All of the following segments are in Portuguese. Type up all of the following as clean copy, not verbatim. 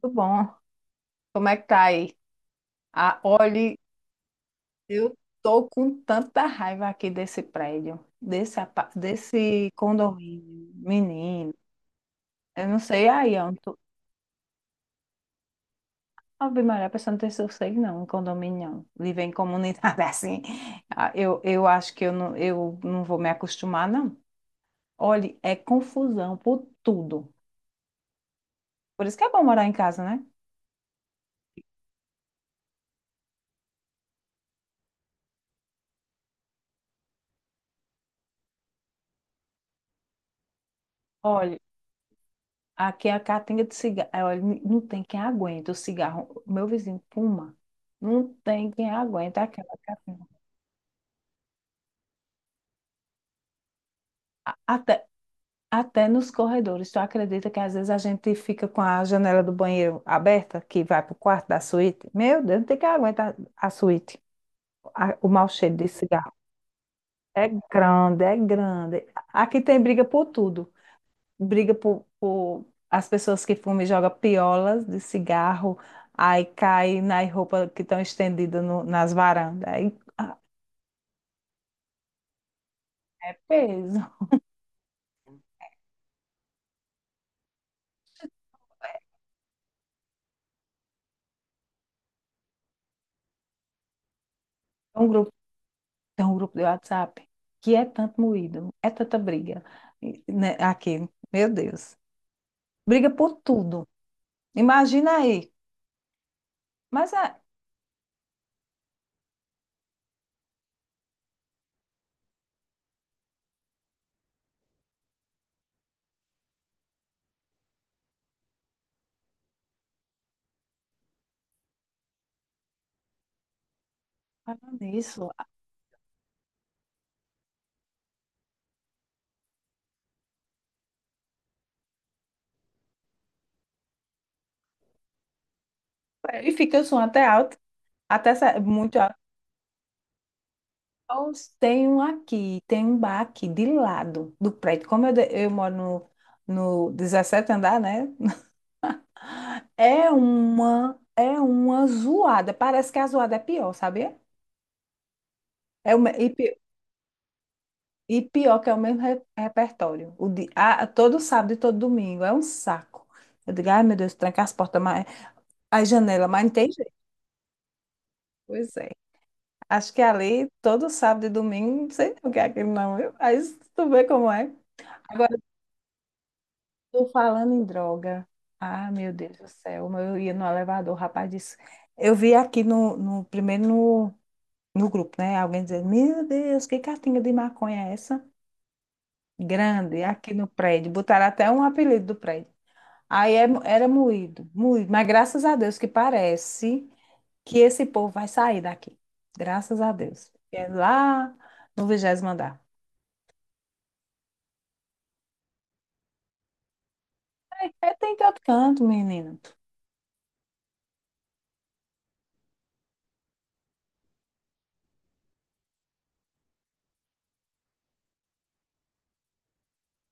Tudo bom? Como é que tá aí? Ah, olhe, eu tô com tanta raiva aqui desse prédio, desse, desse condomínio, menino. Eu não sei aí onde tu... Ave Maria, a pessoa não tem sossego não, em condomínio não. Viver em comunidade assim. Eu acho que eu não vou me acostumar, não. Olhe, é confusão por tudo. Por isso que é bom morar em casa, né? Olha, aqui é a caatinga de cigarro. É, olha, não tem quem aguenta o cigarro. Meu vizinho fuma. Não tem quem aguenta aquela caatinga. Até, até nos corredores. Tu acredita que às vezes a gente fica com a janela do banheiro aberta, que vai pro quarto da suíte? Meu Deus, não tem quem aguenta a suíte. O mau cheiro de cigarro. É grande, é grande. Aqui tem briga por tudo. Briga por as pessoas que fumam e jogam piolas de cigarro, aí cai nas roupas que estão estendidas nas varandas. Aí é peso. Tem um grupo, Tem um grupo de WhatsApp que é tanto moído, é tanta briga. E, né, aqui, meu Deus. Briga por tudo. Imagina aí. Mas é, falando nisso, e fica o som até alto, muito alto. Eu Tem um aqui, tem um bar aqui de lado do prédio. Como eu, eu moro no 17º andar, né? É uma zoada. Parece que a zoada é pior, sabia? É o, me- e, pi- e pior que é o mesmo repertório. Todo sábado e todo domingo. É um saco. Eu digo, ai meu Deus, tranca as portas, mas as janelas, mas não tem jeito. Pois é. Acho que ali, todo sábado e domingo, não sei o que é aquilo não, viu? Aí tu vê como é. Tô falando em droga. Ah, meu Deus do céu. Eu ia no elevador, o rapaz disse. Eu vi aqui primeiro no grupo, né? Alguém dizendo, meu Deus, que cartinha de maconha é essa? Grande, aqui no prédio. Botaram até um apelido do prédio. Aí era moído, moído. Mas graças a Deus que parece que esse povo vai sair daqui. Graças a Deus. É lá no vigésimo andar. É, tem tanto canto, menino.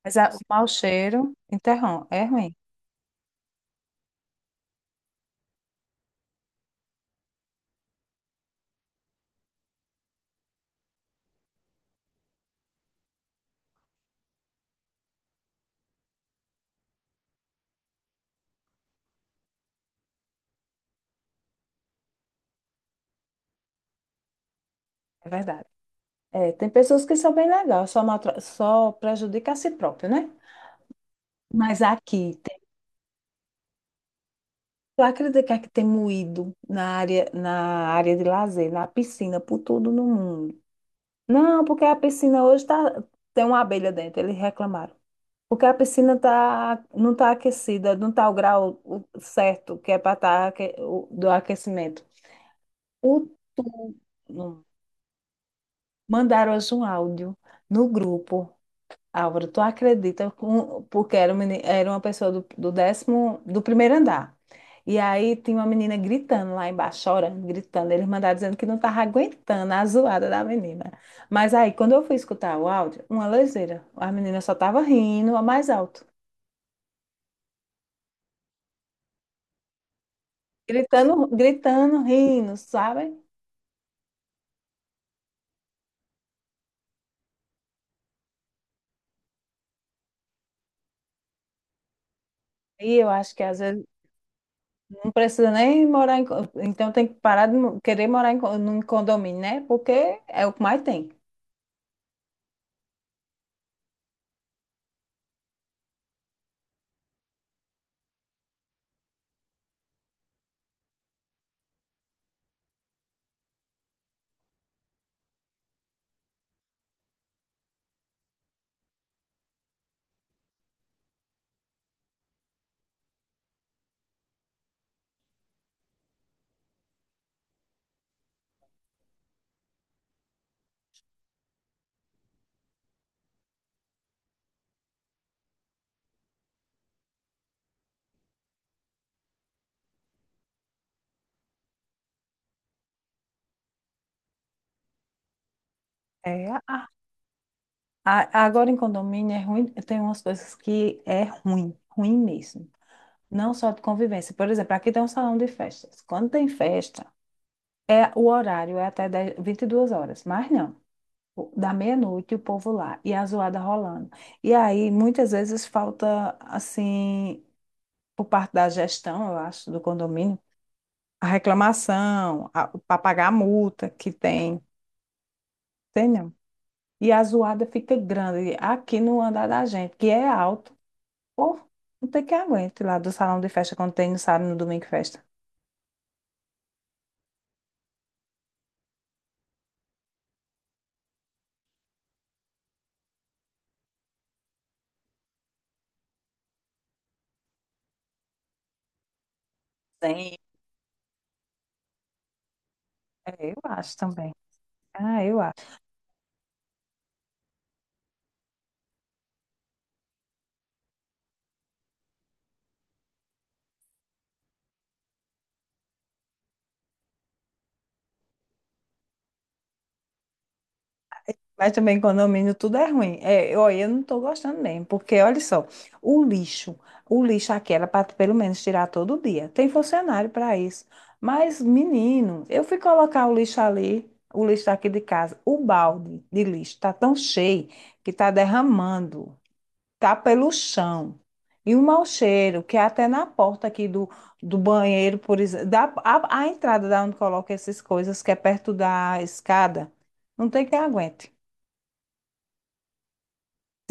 Mas o mau cheiro interrompe. É ruim, é verdade. É, tem pessoas que são bem legais, só, só prejudica a si próprio, né? Mas aqui, tem, tu acredita que tem moído na área de lazer, na piscina, por tudo no mundo? Não, porque a piscina hoje tá, tem uma abelha dentro, eles reclamaram. Porque a piscina tá, não está aquecida, não está o grau certo que é para estar do aquecimento. O, tu- Mandaram hoje um áudio no grupo Álvaro, tu acredita, porque era, era uma pessoa do, do décimo, do primeiro andar. E aí tinha uma menina gritando lá embaixo, chorando, gritando. Eles mandaram dizendo que não estava aguentando a zoada da menina. Mas aí, quando eu fui escutar o áudio, uma leseira. A menina só estava rindo, a mais alto. Gritando, gritando, rindo, sabe? E eu acho que às vezes não precisa nem morar em... Então tem que parar querer morar em, num condomínio, né? Porque é o que mais tem. É, agora em condomínio é ruim, tem umas coisas que é ruim, ruim mesmo. Não só de convivência. Por exemplo, aqui tem um salão de festas. Quando tem festa, é o horário é até 10, 22 horas, mas não. Da meia-noite o povo lá e a zoada rolando. E aí muitas vezes falta assim, por parte da gestão, eu acho, do condomínio, a reclamação, para pagar a multa que tem, entendeu? E a zoada fica grande aqui no andar da gente, que é alto. Pô, não tem que aguente lá do salão de festa quando tem no sábado, no domingo festa. Tem. É, eu acho também. Ah, eu acho. Mas também condomínio tudo é ruim. É, eu, olha, eu não estou gostando mesmo, porque olha só, o lixo, o lixo aqui era para pelo menos tirar todo dia. Tem funcionário para isso. Mas, menino, eu fui colocar o lixo ali, o lixo aqui de casa, o balde de lixo está tão cheio que está derramando. Tá pelo chão. E um mau cheiro, que é até na porta aqui do, do banheiro, por exemplo, a entrada da onde coloca essas coisas, que é perto da escada, não tem quem aguente.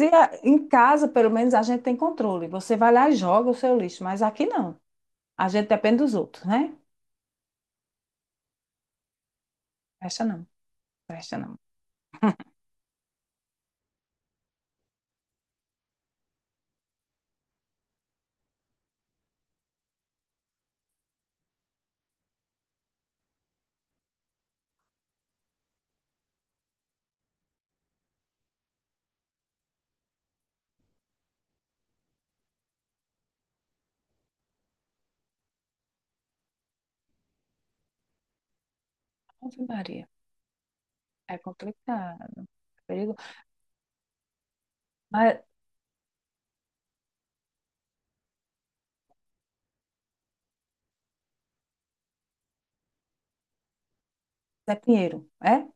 Se a- Em casa, pelo menos, a gente tem controle. Você vai lá e joga o seu lixo, mas aqui não. A gente depende dos outros, né? Presta não, presta não. Ave Maria, é complicado, é perigo. Mas é Pinheiro, é?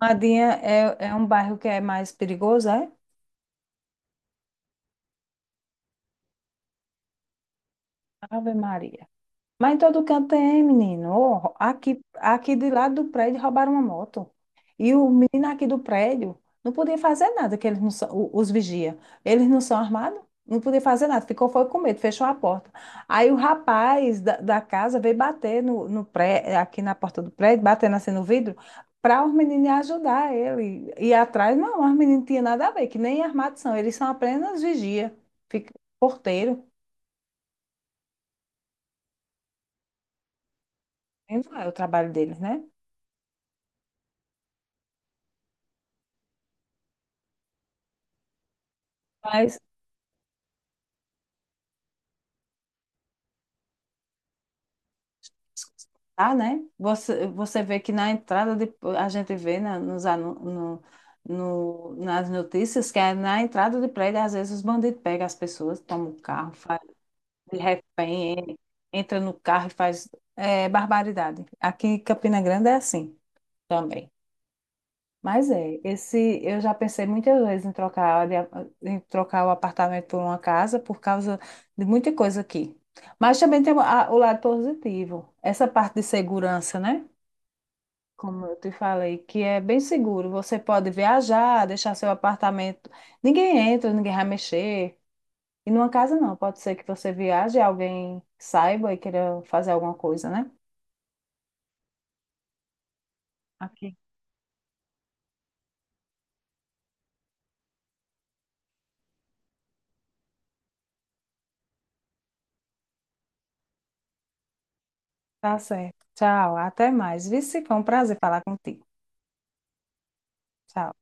Madinha é, é um bairro que é mais perigoso, é? Ave Maria. Mas em todo canto tem, menino. Ó, aqui, aqui do lado do prédio roubaram uma moto. E o menino aqui do prédio não podia fazer nada, que eles não são, os vigia. Eles não são armados, não podia fazer nada. Ficou foi com medo, fechou a porta. Aí o rapaz da casa veio bater no, no pré, aqui na porta do prédio, batendo assim no vidro, para os meninos ajudar ele. E atrás, não, os meninos não tinham nada a ver, que nem armados são. Eles são apenas vigia, fica, porteiro. E não é o trabalho deles, né? Mas tá, né? Você vê que na entrada de, a gente vê na, nos, anu- no, no, nas notícias que é na entrada de prédio, às vezes os bandidos pegam as pessoas, tomam o carro, faz de refém, entra no carro e faz é, barbaridade. Aqui em Campina Grande é assim também. Mas é, esse eu já pensei muitas vezes em trocar, em trocar o apartamento por uma casa por causa de muita coisa aqui. Mas também tem o lado positivo, essa parte de segurança, né? Como eu te falei, que é bem seguro. Você pode viajar, deixar seu apartamento. Ninguém entra, ninguém vai mexer. E numa casa não, pode ser que você viaje e alguém saiba e queira fazer alguma coisa, né? Aqui. Tá certo. Tchau, até mais. Vice, foi um prazer falar contigo. Tchau.